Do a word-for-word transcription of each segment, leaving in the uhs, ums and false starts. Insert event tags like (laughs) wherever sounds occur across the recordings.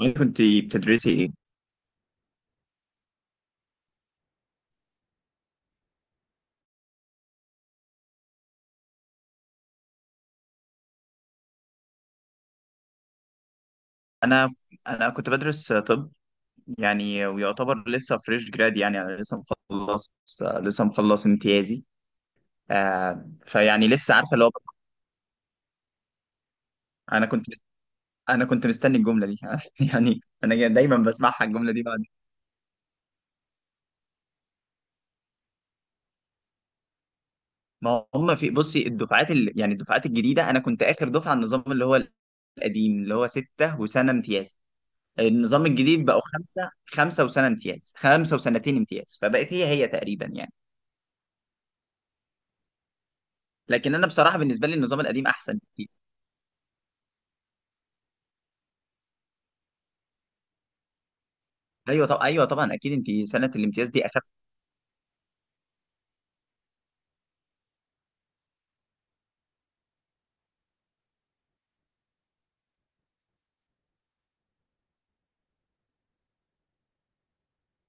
وانت كنت بتدرسي ايه؟ انا انا كنت بدرس طب، يعني ويعتبر لسه فريش جراد. يعني انا لسه مخلص لسه مخلص امتيازي. آه فيعني لسه عارفه اللي هو. انا كنت مست... انا كنت مستني الجمله دي (laughs) يعني انا جا- دايما بسمعها الجمله دي بعد. ما هم في بصي الدفعات ال... يعني الدفعات الجديده. انا كنت اخر دفعه على النظام اللي هو القديم، اللي هو سته وسنه امتياز. النظام الجديد بقوا خمسه خمسه وسنه امتياز، خمسه وسنتين امتياز، فبقت هي هي تقريبا يعني. لكن انا بصراحه بالنسبه لي النظام القديم احسن بكتير. ايوه، طب ايوه، طبعا اكيد انت سنه الامتياز دي اخف.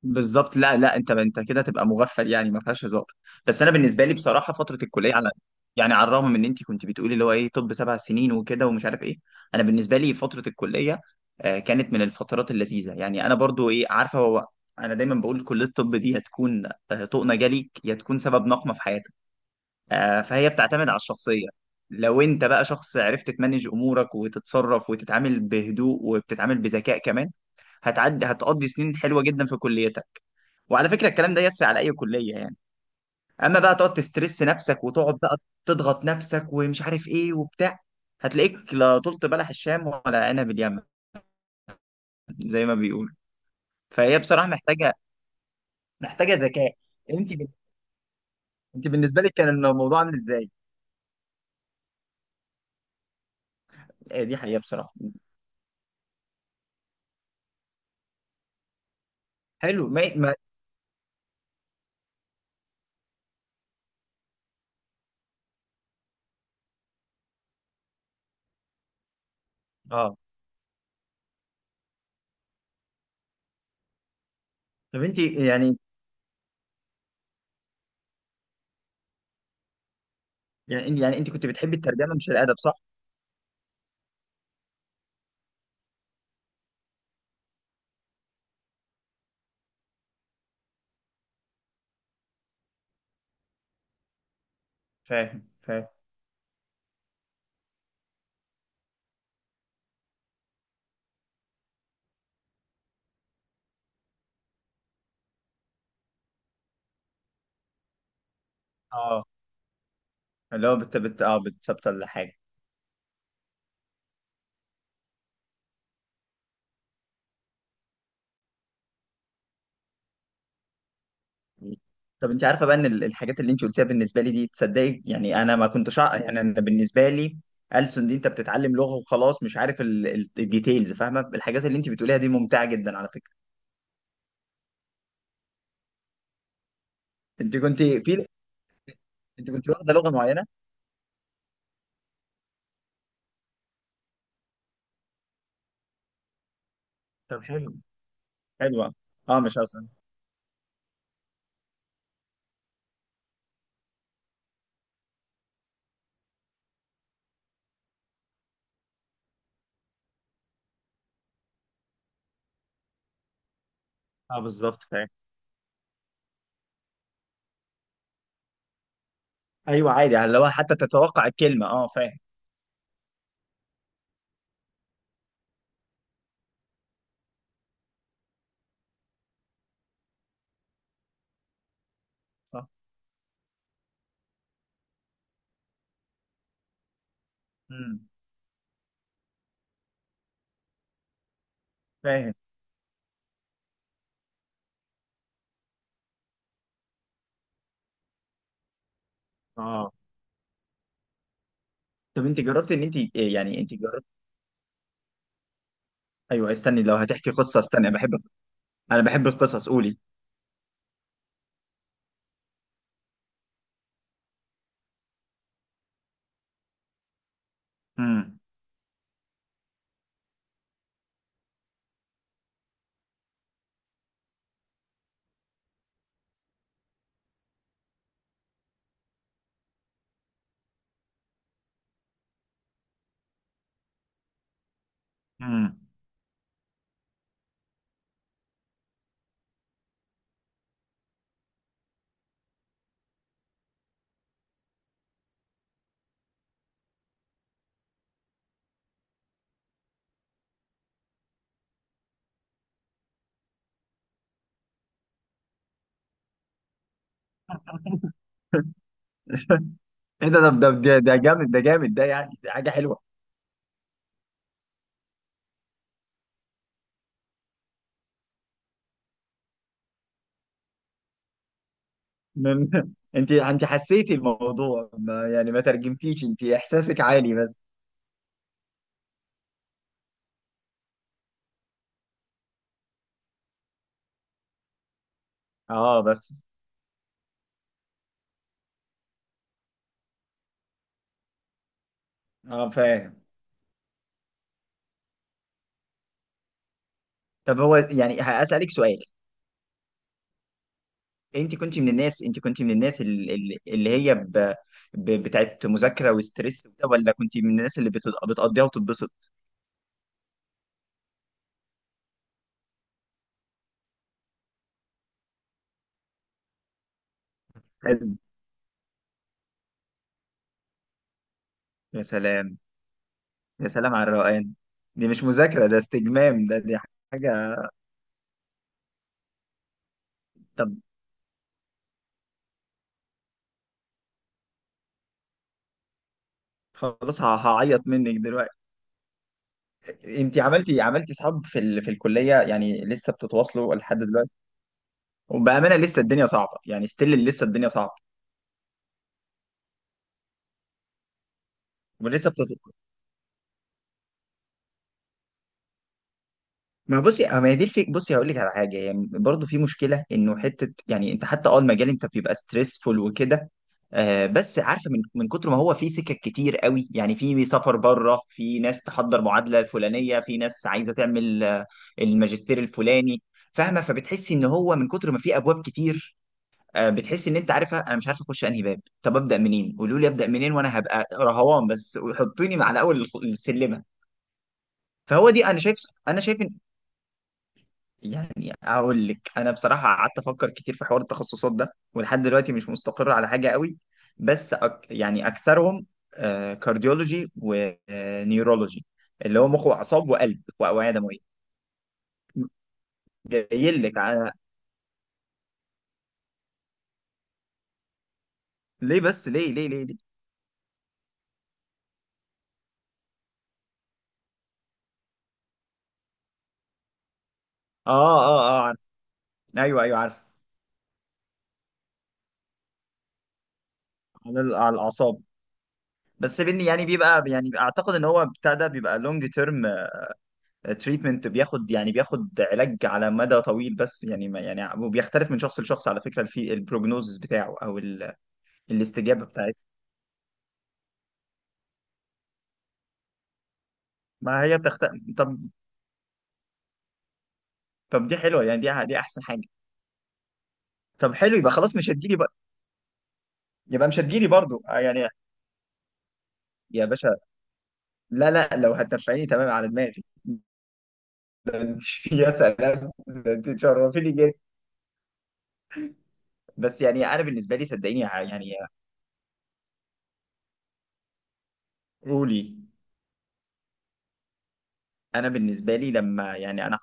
بالظبط. لا، لا، انت انت كده تبقى مغفل، يعني ما فيهاش هزار. بس انا بالنسبه لي بصراحه فتره الكليه، على يعني على الرغم من ان انت كنت بتقولي اللي هو ايه طب سبع سنين وكده ومش عارف ايه، انا بالنسبه لي فتره الكليه آه، كانت من الفترات اللذيذه. يعني انا برضو ايه عارفه هو، انا دايما بقول كليه الطب دي هتكون آه، طوق نجا ليك يا تكون سبب نقمه في حياتك. آه، فهي بتعتمد على الشخصية. لو انت بقى شخص عرفت تمانج امورك وتتصرف وتتعامل بهدوء وبتتعامل بذكاء كمان، هتعدي هتقضي سنين حلوة جدا في كليتك. وعلى فكرة الكلام ده يسري على اي كلية يعني. اما بقى تقعد تسترس نفسك وتقعد بقى تضغط نفسك ومش عارف ايه وبتاع، هتلاقيك لا طلت بلح الشام ولا عنب اليمن، زي ما بيقولوا. فهي بصراحة محتاجة، محتاجة ذكاء. انت بال- انت بالنسبة لك كان الموضوع عامل ازاي؟ آه، دي حقيقة بصراحة. حلو. ما ما اه طب انت يعني، يعني إن- يعني انت كنت بتحبي الترجمه مش الادب، صح؟ فاهم فاهم. اه، اللي هو بت بت اه بتثبت ولا حاجه. طب انت عارفه بقى ان ال- الحاجات اللي انت قلتيها بالنسبه لي دي، تصدقي يعني انا ما كنتش أع- يعني انا بالنسبه لي ألسن دي انت بتتعلم لغه وخلاص، مش عارف ال- ال- الديتيلز. فاهمه، الحاجات اللي انت بتقوليها دي ممتعه جدا على فكره. انت كنت في انت كنت واخده لغه معينه؟ طب حلو، حلوه. اه، مش اصلا. اه بالظبط، فاهم. ايوه عادي، اللي هو حتى تتوقع الكلمه. اه فاهم. صح. امم. فاهم. اه. طب انت جربت ان انت إيه، يعني انت جربت؟ ايوه، استني لو هتحكي قصه، استني، انا بحب انا بحب القصص، قولي. امم. امم. ايه ده ده ده ده جامد ده، جامد ده، يعني دي حاجه حلوه. من... (laughs) انت انت حسيتي الموضوع، ما يعني ما ترجمتيش، انت احساسك عالي بس. اه بس. اه فاهم. طب هو يعني هسألك سؤال. انت كنت من الناس انت كنت من الناس ال- ال- اللي هي ب... ب... بتاعت مذاكره وستريس وكده، ولا كنت من الناس اللي بت... بتقضيها وتتبسط؟ حلو. يا سلام، يا سلام على الروقان. دي مش مذاكرة، ده استجمام ده، دي حاجة. طب خلاص، ه- هعيط منك دلوقتي. انت عملتي عملتي صحاب في ال... في الكلية، يعني لسه بتتواصلوا لحد دلوقتي؟ وبأمانة لسه الدنيا صعبة، يعني ستيل لسه الدنيا صعبة، ولسه بتتواصلوا؟ ما بصي، آه ما هي دي الفكرة، بصي هقول لك على حاجة. يعني برضه في مشكلة انه حتة، يعني انت حتى اه المجال، انت بيبقى ستريسفول وكده. آه، بس عارفه، من من كتر ما هو في سكك كتير قوي، يعني في سفر بره، في ناس تحضر معادله الفلانيه، في ناس عايزه تعمل آه، الماجستير الفلاني. فاهمه، فبتحسي ان هو من كتر ما في ابواب كتير، آه، بتحسي ان انت، عارفه، انا مش عارفه اخش انهي باب، طب ابدا منين، قولوا لي ابدا منين وانا هبقى رهوان بس وحطوني على اول الخ- السلمه. فهو دي انا شايف، انا شايف يعني اقول لك انا بصراحه قعدت افكر كتير في حوار التخصصات ده ولحد دلوقتي مش مستقر على حاجه قوي. بس أك يعني اكثرهم كارديولوجي ونيورولوجي، اللي هو مخ واعصاب وقلب واوعيه دمويه. جاي لك على، ليه بس؟ ليه ليه ليه ليه؟ اه، اه، اه، عارف. ايوه، ايوه، عارف. على ال- على الاعصاب. بس بني يعني بيبقى، يعني اعتقد ان هو بتاع ده بيبقى لونج تيرم تريتمنت، بياخد يعني بياخد علاج على مدى طويل. بس يعني، ما يعني وبيختلف من شخص لشخص على فكرة في البروجنوزس بتاعه او ال- الاستجابة بتاعته. ما هي بتخت طب طب دي حلوة، يعني دي دي احسن حاجة. طب حلو، يبقى خلاص مش هتجيلي بقى. يبقى مش هتجيلي برضو آه يعني. يا باشا، لا لا، لو هتنفعيني تمام على دماغي. (laughs) يا سلام، ده انت تشرفيني جدا. بس يعني انا بالنسبة لي صدقيني، ع- يعني قولي انا بالنسبة لي لما يعني انا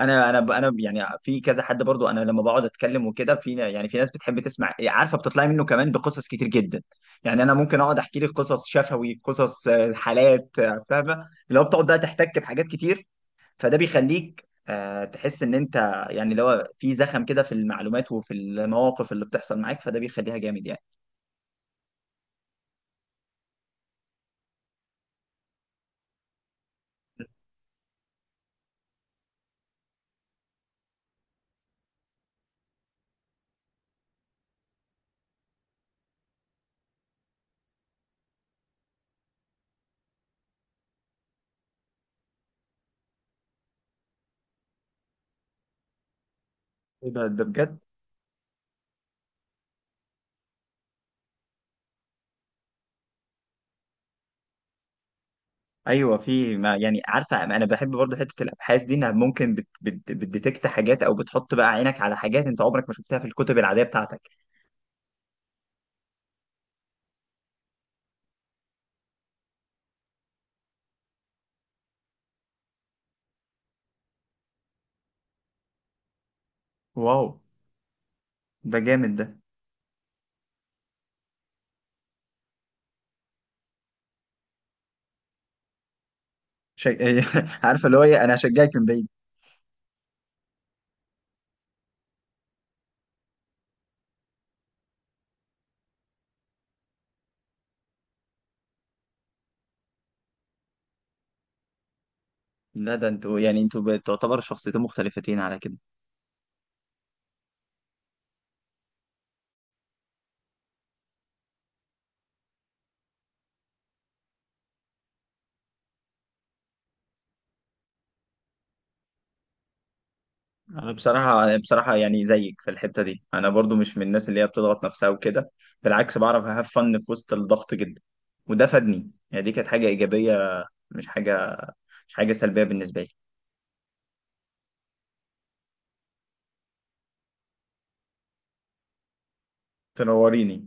انا انا ب- انا يعني في كذا حد برضو، انا لما بقعد اتكلم وكده، في نا- يعني في ناس بتحب تسمع إيه، عارفه بتطلع منه كمان بقصص كتير جدا. يعني انا ممكن اقعد احكي لك قصص شفوي، قصص آه، حالات، آه، فاهمه، لو بتقعد بقى تحتك بحاجات كتير، فده بيخليك آه، تحس ان انت، يعني اللي هو في زخم كده في المعلومات وفي المواقف اللي بتحصل معاك، فده بيخليها جامد يعني. إيه ده، ده بجد؟ ايوه، في ما يعني، عارفه، انا بحب برضه حته الابحاث دي، انها ممكن بت بت بتديتكت حاجات، او بتحط بقى عينك على حاجات انت عمرك ما شفتها في الكتب العاديه بتاعتك. واو، ده جامد ده. شج... (laughs) عارفه اللي هو ايه، انا هشجعك من بعيد. لا، ده انتوا يعني انتوا بتعتبر شخصيتين مختلفتين على كده. انا بصراحه، أنا بصراحه يعني زيك في الحته دي، انا برضو مش من الناس اللي هي بتضغط نفسها وكده. بالعكس بعرف هاف فن في وسط الضغط جدا، وده فادني يعني دي كانت حاجه ايجابيه. مش حاجه، مش حاجه سلبيه بالنسبه لي. تنوريني.